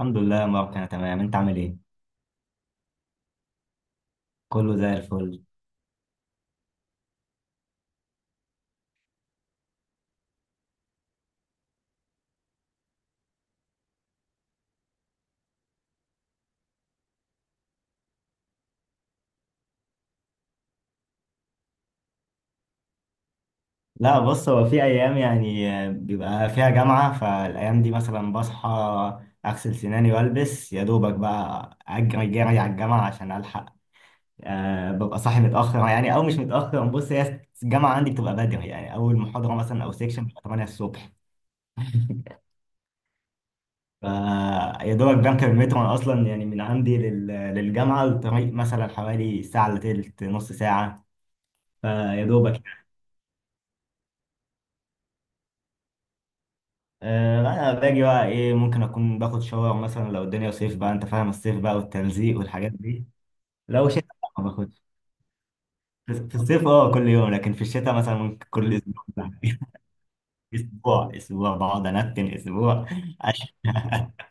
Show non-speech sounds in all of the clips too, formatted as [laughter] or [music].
الحمد لله يا مبارك، انا تمام. انت عامل ايه؟ كله زي الفل. لا بص، هو في ايام يعني بيبقى فيها جامعة. فالايام دي مثلا بصحى، اغسل سناني والبس يا دوبك، بقى اجري جري على الجامعة عشان الحق. ببقى صاحي متأخر يعني، او مش متأخر. بص، هي الجامعة عندي بتبقى بدري، يعني اول محاضرة مثلا او سيكشن بتبقى 8 الصبح. ف يا دوبك بنكر المترو. انا اصلا يعني من عندي للجامعة، الطريق مثلا حوالي ساعة الا تلت، نص ساعة. فيا دوبك. لا انا باجي بقى ايه، ممكن اكون باخد شاور مثلا لو الدنيا صيف بقى. انت فاهم الصيف بقى، والتلزيق والحاجات دي. لو شتاء لا ما باخدش. في الصيف اه كل يوم، لكن في الشتاء مثلا ممكن كل اسبوع. [laughs] اسبوع اسبوع بقعد انتن اسبوع. أش- [laughs]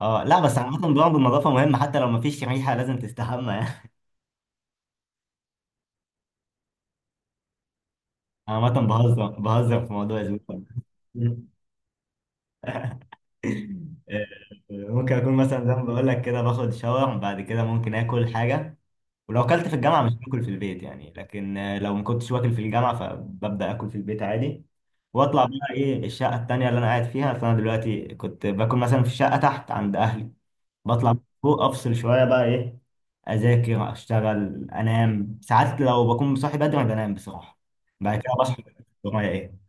اه لا، بس عامة برضه النظافة مهمة، حتى لو مفيش ريحة لازم تستحمى يعني. [laughs] عامة بهزر بهزر في موضوع الزيوت. [laughs] ممكن اكون مثلا زي ما بقول لك كده باخد شاور، بعد كده ممكن اكل حاجة. ولو اكلت في الجامعه مش باكل في البيت يعني، لكن لو ما كنتش واكل في الجامعه فببدا اكل في البيت عادي. واطلع بقى ايه الشقه التانيه اللي انا قاعد فيها. فانا دلوقتي كنت باكل مثلا في الشقه تحت عند اهلي. بطلع فوق، افصل شويه بقى ايه، اذاكر، اشتغل، انام ساعات لو بكون صاحي بدري، بنام بصراحه. بعد كده بصحى. ورايا ايه؟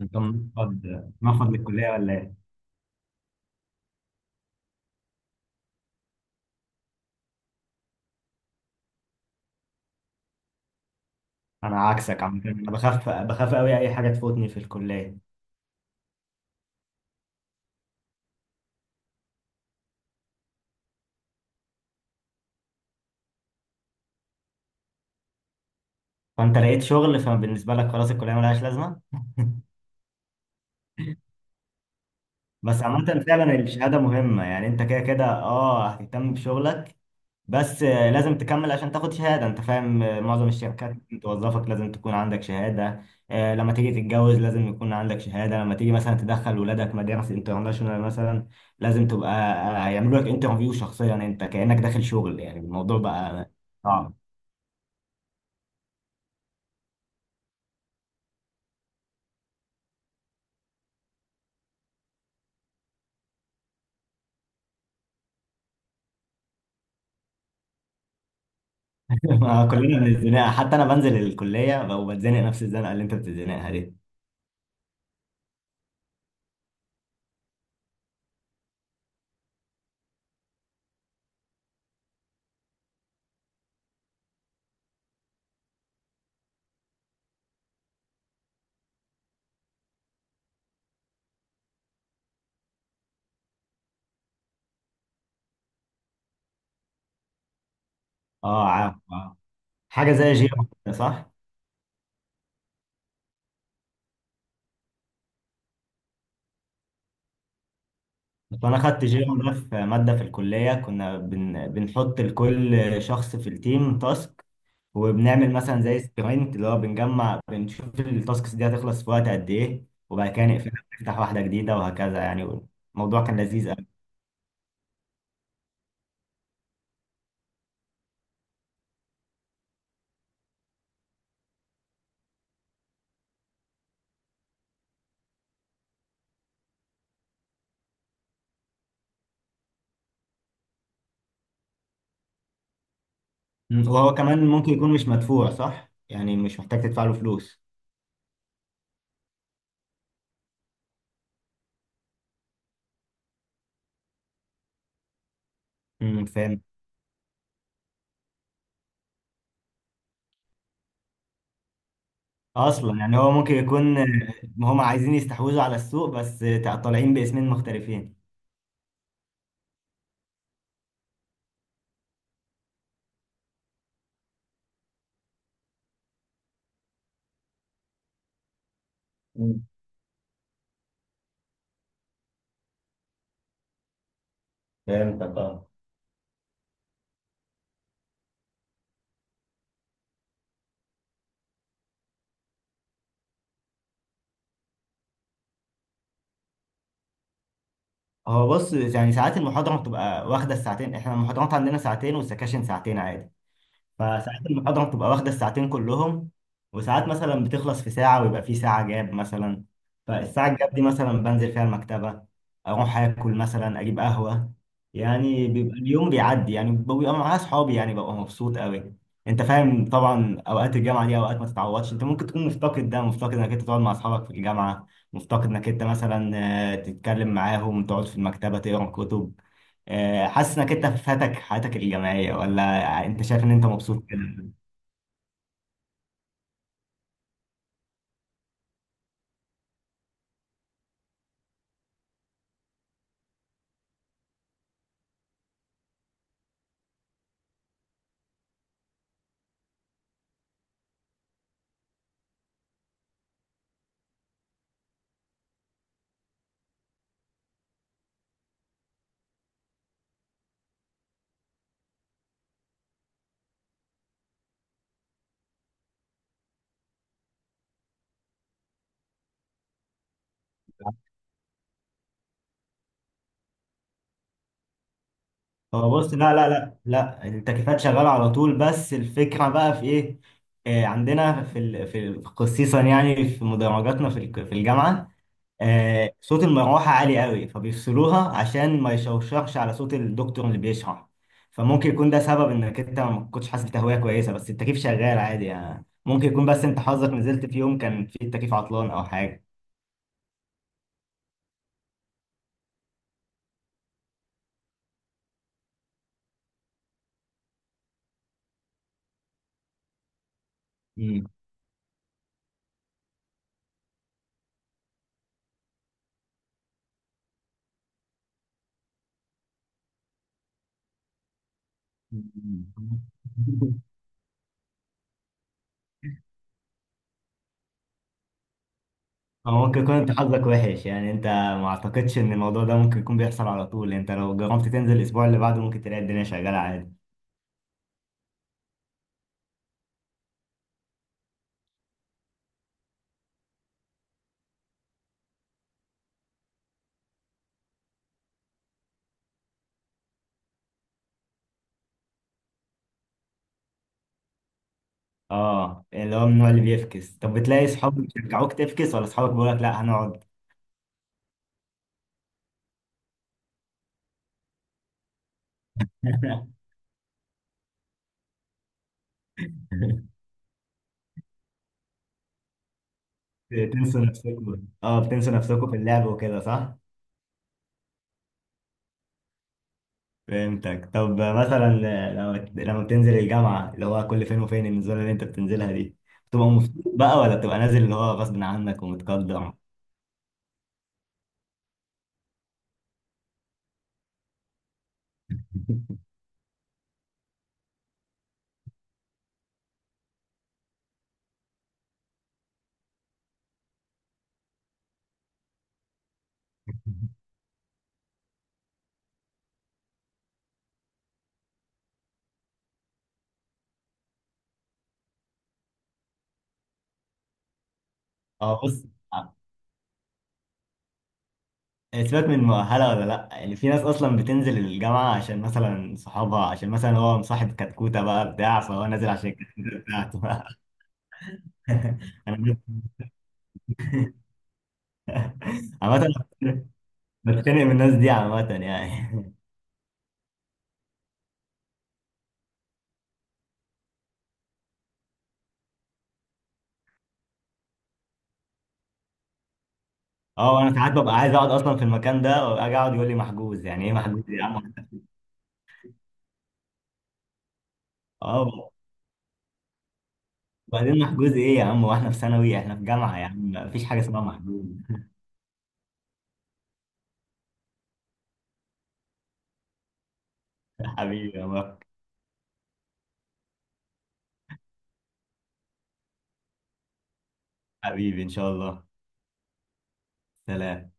انت مرفض، مرفض للكليه ولا ايه؟ انا عكسك عم، انا بخاف بخاف قوي اي حاجه تفوتني في الكليه. فانت لقيت شغل فبالنسبه لك خلاص الكليه ملهاش لازمه. بس عامة فعلا الشهادة مهمة يعني، انت كده كده اه هتهتم بشغلك. بس لازم تكمل عشان تاخد شهادة. انت فاهم؟ معظم الشركات اللي بتوظفك لازم تكون عندك شهادة. لما تيجي تتجوز لازم يكون عندك شهادة. لما تيجي مثلا تدخل ولادك مدارس انترناشونال مثلا لازم تبقى هيعملوا لك انترفيو شخصيا، انت كأنك داخل شغل يعني الموضوع بقى صعب. [laughs] كلنا بنتزنق، حتى انا بنزل الكلية وبتزنق نفس الزنقة اللي انت بتتزنقها دي. اه، عارف حاجة زي جيم، صح؟ وانا خدت جيو ده في ماده في الكليه. كنا بنحط لكل شخص في التيم تاسك. وبنعمل مثلا زي سبرنت، اللي هو بنجمع بنشوف التاسكس دي هتخلص في وقت قد ايه، وبعد كده نقفلها نفتح واحده جديده وهكذا يعني. الموضوع كان لذيذ قوي. وهو كمان ممكن يكون مش مدفوع، صح؟ يعني مش محتاج تدفع له فلوس. فاهم. اصلا يعني هو ممكن يكون هم عايزين يستحوذوا على السوق بس، طالعين باسمين مختلفين. مم. فهمتك، اه. هو بص، يعني ساعات المحاضرة بتبقى واخدة الساعتين. احنا المحاضرات عندنا ساعتين والسكاشن ساعتين عادي. فساعات المحاضرة بتبقى واخدة الساعتين كلهم، وساعات مثلا بتخلص في ساعة ويبقى في ساعة جاب مثلا. فالساعة الجاب دي مثلا بنزل فيها المكتبة، أروح آكل مثلا، أجيب قهوة. يعني بيبقى اليوم بيعدي، يعني بيبقى معايا أصحابي، يعني ببقى مبسوط أوي. أنت فاهم طبعا، أوقات الجامعة دي أوقات ما تتعوضش. أنت ممكن تكون مفتقد ده، مفتقد إنك أنت تقعد مع أصحابك في الجامعة، مفتقد إنك أنت مثلا تتكلم معاهم، تقعد في المكتبة تقرا كتب. حاسس إنك أنت فاتك حياتك الجامعية، ولا انت شايف ان انت مبسوط كده؟ هو بص، لا لا لا لا، التكييفات شغاله على طول. بس الفكره بقى في ايه، عندنا خصيصا يعني في مدرجاتنا في الجامعه، صوت المروحه عالي قوي، فبيفصلوها عشان ما يشوشرش على صوت الدكتور اللي بيشرح. فممكن يكون ده سبب انك انت ما كنتش حاسس بتهويه كويسه، بس التكييف شغال عادي يعني. ممكن يكون بس انت حظك نزلت في يوم كان فيه التكييف عطلان او حاجه. مم. [laughs] هو ممكن يكون انت حظك وحش يعني. انت ما اعتقدش ان الموضوع ده ممكن يكون بيحصل على طول. انت لو جربت تنزل الاسبوع اللي بعده ممكن تلاقي الدنيا شغاله عادي. اه، اللي هو من النوع اللي بيفكس. طب بتلاقي صحابك بيشجعوك تفكس، ولا صحابك بيقولك لا هنقعد؟ [laughs] تنسوا نفسكم، اه، بتنسوا نفسكم في اللعب وكده، صح؟ فهمتك. طب مثلا لما بتنزل الجامعه، اللي هو كل فين وفين النزوله اللي انت بتنزلها دي، بتبقى مبسوط بقى، ولا بتبقى نازل اللي هو غصب عنك ومتقدر؟ [laughs] اه بص، إيه، سيبك من مؤهلة ولا لأ. يعني في ناس أصلا بتنزل الجامعة عشان مثلا صحابها، عشان مثلا هو مصاحب كتكوتة بقى بتاع، فهو نازل عشان الكتكوتة بتاعته بقى. [laughs] أنا عامة بتخانق من الناس دي عامة يعني. [laughs] اه، أنا ساعات ببقى عايز أقعد أصلا في المكان ده وأجي أقعد يقول لي محجوز. يعني إيه محجوز يا عم؟ اه، وبعدين محجوز إيه يا عم؟ وإحنا في ثانوي؟ إحنا في جامعة يا عم، مفيش حاجة اسمها محجوز. [laughs] حبيبي يا مروة. حبيبي إن شاء الله. سلام.